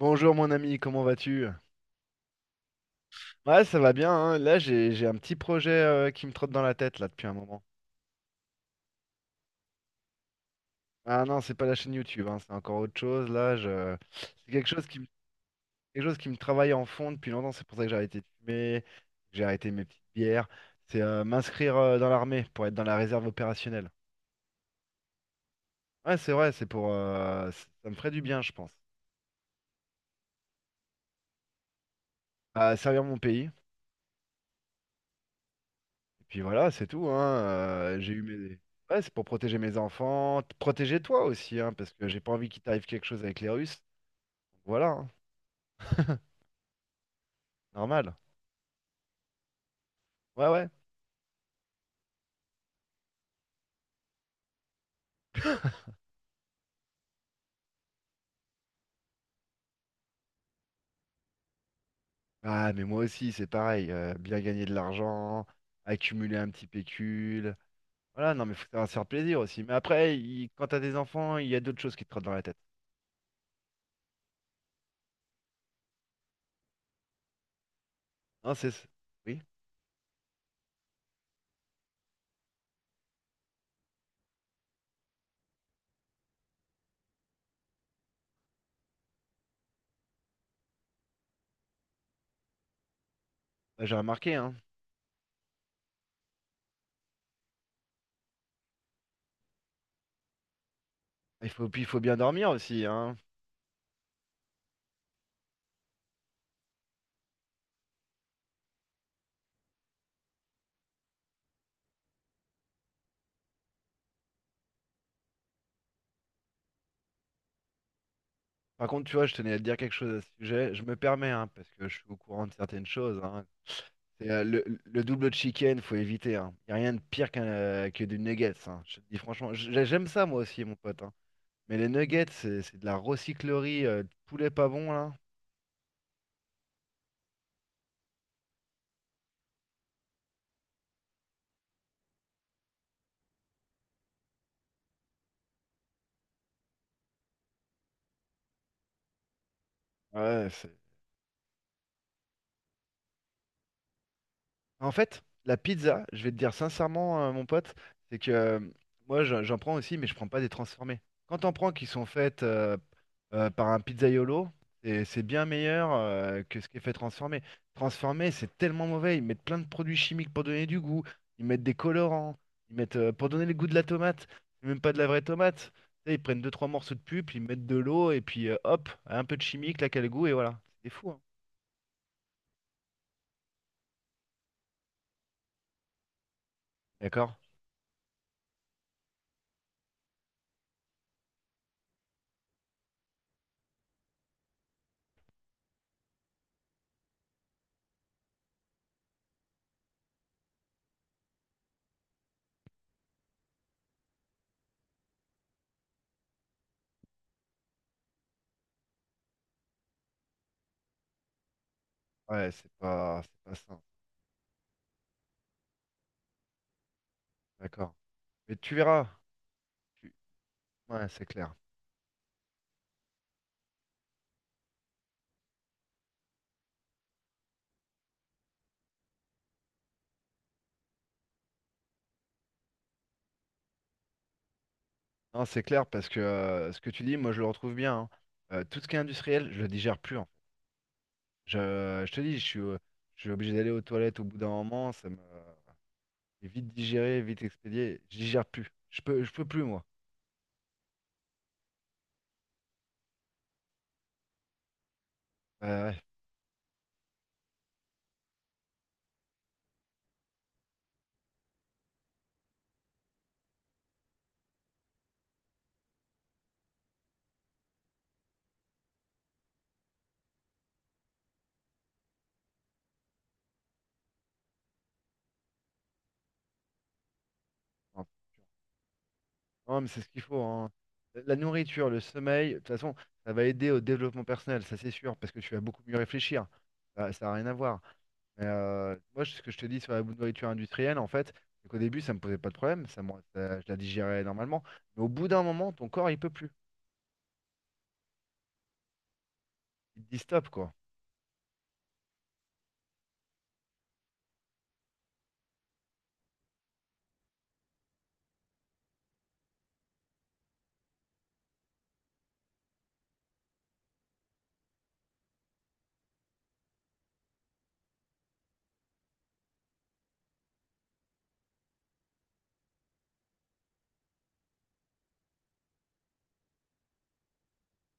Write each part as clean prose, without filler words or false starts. Bonjour mon ami, comment vas-tu? Ouais, ça va bien, hein. Là, j'ai un petit projet qui me trotte dans la tête là depuis un moment. Ah non, c'est pas la chaîne YouTube, hein, c'est encore autre chose. Là, je... c'est quelque chose qui me... quelque chose qui me travaille en fond depuis longtemps. C'est pour ça que j'ai arrêté de fumer, que j'ai arrêté mes petites bières. C'est m'inscrire dans l'armée pour être dans la réserve opérationnelle. Ouais, c'est vrai, c'est pour ça me ferait du bien, je pense. À servir mon pays. Puis voilà, c'est tout, hein. J'ai eu mes... Ouais, c'est pour protéger mes enfants, protéger toi aussi, hein, parce que j'ai pas envie qu'il t'arrive quelque chose avec les Russes. Voilà, hein. Normal. Ouais, ouais. Ah, mais moi aussi, c'est pareil. Bien gagner de l'argent, accumuler un petit pécule. Voilà, non, mais faut savoir se faire plaisir aussi. Mais après, quand t'as des enfants, il y a d'autres choses qui te trottent dans la tête. Non, c'est... Oui, bah, j'ai remarqué, hein. Il faut, puis il faut bien dormir aussi, hein. Par contre, tu vois, je tenais à te dire quelque chose à ce sujet. Je me permets, hein, parce que je suis au courant de certaines choses, hein. C'est, euh, le, le double chicken, faut éviter. Il n'y a rien de pire que des nuggets. Hein. Je te dis franchement, j'aime ça moi aussi, mon pote. Hein. Mais les nuggets, c'est de la recyclerie de poulet pas bon là. Ouais, c'est en fait, la pizza, je vais te dire sincèrement, mon pote, c'est que moi j'en prends aussi, mais je prends pas des transformées. Quand t'en prends qui sont faites par un pizzaiolo, c'est bien meilleur que ce qui est fait transformé. Transformé, c'est tellement mauvais. Ils mettent plein de produits chimiques pour donner du goût. Ils mettent des colorants. Ils mettent pour donner le goût de la tomate. C'est même pas de la vraie tomate. Tu sais, ils prennent deux trois morceaux de pulpe, ils mettent de l'eau et puis hop, un peu de chimique, là, quel goût et voilà. C'est fou, hein. D'accord? Ouais, c'est pas ça. D'accord. Mais tu verras. Ouais, c'est clair. Non, c'est clair parce que ce que tu dis, moi, je le retrouve bien. Hein. Tout ce qui est industriel, je le digère plus. En fait. Je te dis, je suis obligé d'aller aux toilettes au bout d'un moment. Ça me c'est vite digéré, vite expédié. Je digère plus. Je peux plus, moi. Ouais, ouais. Ouais. Non, non, mais c'est ce qu'il faut. Hein. La nourriture, le sommeil, de toute façon, ça va aider au développement personnel, ça c'est sûr, parce que tu vas beaucoup mieux réfléchir. Ça n'a rien à voir. Mais moi, ce que je te dis sur la nourriture industrielle, en fait, c'est qu'au début, ça me posait pas de problème, je la digérais normalement. Mais au bout d'un moment, ton corps, il peut plus. Il te dit stop, quoi.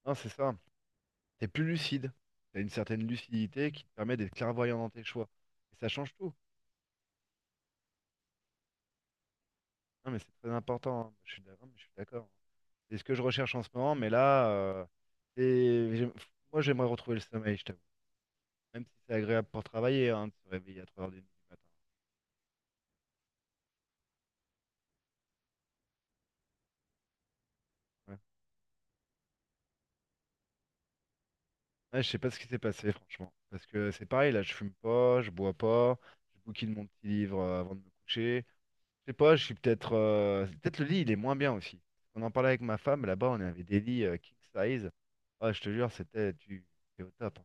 Non, c'est ça. T'es plus lucide. T'as une certaine lucidité qui te permet d'être clairvoyant dans tes choix. Et ça change tout. Non, mais c'est très important. Hein. Je suis d'accord. C'est ce que je recherche en ce moment, mais là, c'est- j'aime- moi, j'aimerais retrouver le sommeil, je t'avoue. Même si c'est agréable pour travailler, hein, de se réveiller à 3 heures du matin. Ouais. Ouais, je sais pas ce qui s'est passé, franchement. Parce que c'est pareil, là, je fume pas, je bois pas, je bouquine mon petit livre avant de me coucher. Je sais pas, je suis peut-être. Peut-être le lit, il est moins bien aussi. On en parlait avec ma femme, là-bas, on avait des lits king size. Ah, je te jure, c'était tu t'es au top. Hein.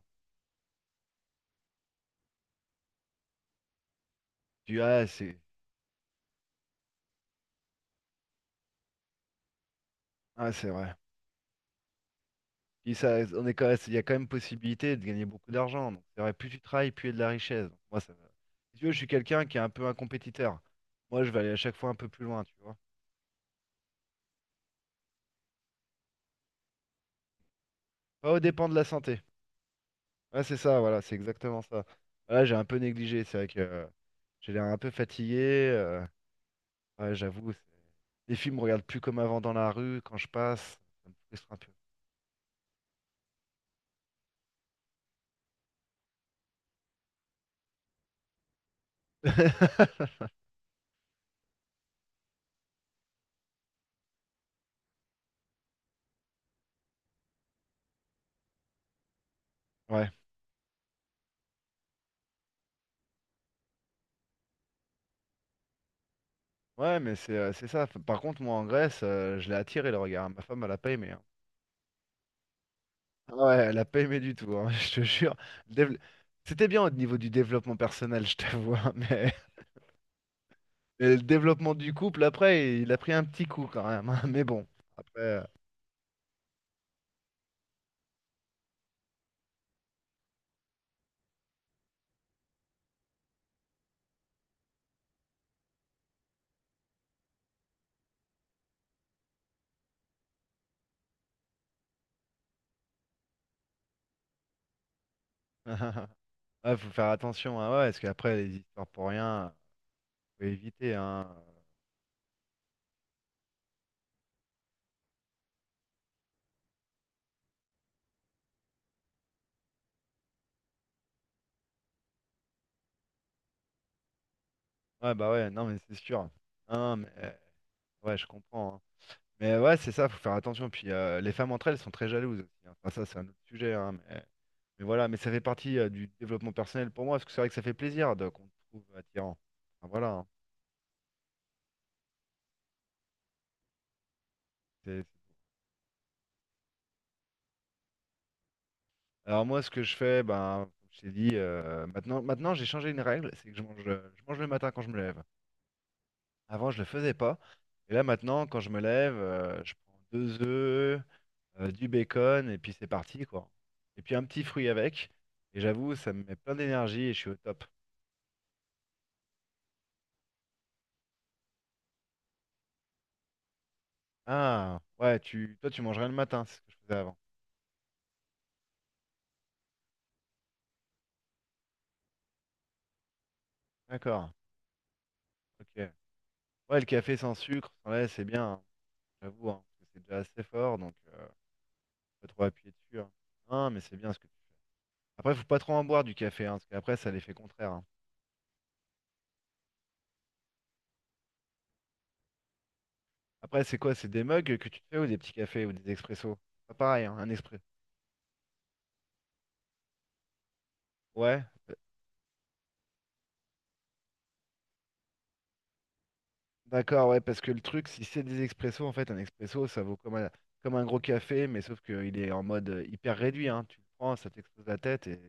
Tu ah, c'est Ah, c'est vrai. Puis ça, on est quand même- Il y a quand même possibilité de gagner beaucoup d'argent. Donc c'est vrai, plus tu travailles, plus il y a de la richesse. Donc, moi, ça, va. Si tu veux, je suis quelqu'un qui est un peu un compétiteur. Moi, je vais aller à chaque fois un peu plus loin, tu vois. Pas au dépend de la santé. Ouais, c'est ça, voilà, c'est exactement ça. Là, j'ai un peu négligé, c'est vrai que j'ai l'air un peu fatigué. euh, ouais, j'avoue, les filles me regardent plus comme avant dans la rue quand je passe. Ça me frustre un peu. Ouais, ouais, mais c'est ça. Par contre, moi en Grèce, je l'ai attiré le regard. Ma femme, elle a pas aimé. Hein. Ah ouais, elle a pas aimé du tout, hein, je te jure. Le dével- C'était bien au niveau du développement personnel, je t'avoue, hein, mais le développement du couple, après, il a pris un petit coup quand même. Hein, mais bon, après. Ouais, faut faire attention, hein, ouais, parce qu'après, les histoires pour rien, faut éviter, hein. Ouais, bah ouais, non, mais c'est sûr. Non, ouais, je comprends. Hein. Mais ouais, c'est ça, faut faire attention. Puis les femmes entre elles sont très jalouses aussi. Hein. Enfin, ça, c'est un autre sujet, hein, mais voilà, mais ça fait partie du développement personnel pour moi, parce que c'est vrai que ça fait plaisir de, qu'on te trouve attirant. Enfin, voilà. Hein. C'est- Alors moi, ce que je fais, ben, comme je t'ai dit, maintenant j'ai changé une règle, c'est que je mange le matin quand je me lève. Avant, je le faisais pas. Et là, maintenant, quand je me lève, je prends deux œufs, du bacon, et puis c'est parti, quoi. Et puis un petit fruit avec. Et j'avoue, ça me met plein d'énergie et je suis au top. Ah, ouais, toi, tu mangerais le matin, c'est ce que je faisais avant. D'accord, ok. Ouais, le café sans sucre, sans lait, c'est bien, hein, j'avoue, hein, parce que c'est déjà assez fort, donc pas trop appuyer dessus. Hein. Non, mais c'est bien ce que tu... Après, faut pas trop en boire du café, hein, parce qu'après, ça a l'effet contraire. Hein. Après, c'est quoi? C'est des mugs que tu te fais ou des petits cafés ou des expressos? Pas pareil, hein, un expresso. Ouais, euh, d'accord, ouais, parce que le truc, si c'est des expressos, en fait, un expresso, ça vaut comme un gros café, mais sauf qu'il est en mode hyper réduit, hein. Tu le prends, ça t'explose la tête et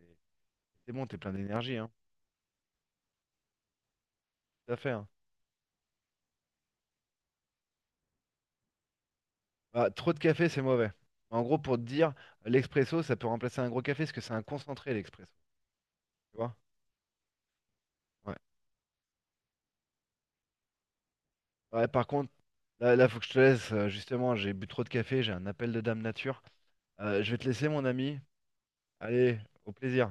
c'est bon, t'es plein d'énergie, hein. Tout à fait, hein. Bah, trop de café, c'est mauvais. En gros, pour te dire, l'expresso, ça peut remplacer un gros café, parce que c'est un concentré, l'expresso. Tu vois? Ouais. Ouais, par contre, là, faut que je te laisse, justement, j'ai bu trop de café, j'ai un appel de dame nature. Je vais te laisser, mon ami. Allez, au plaisir.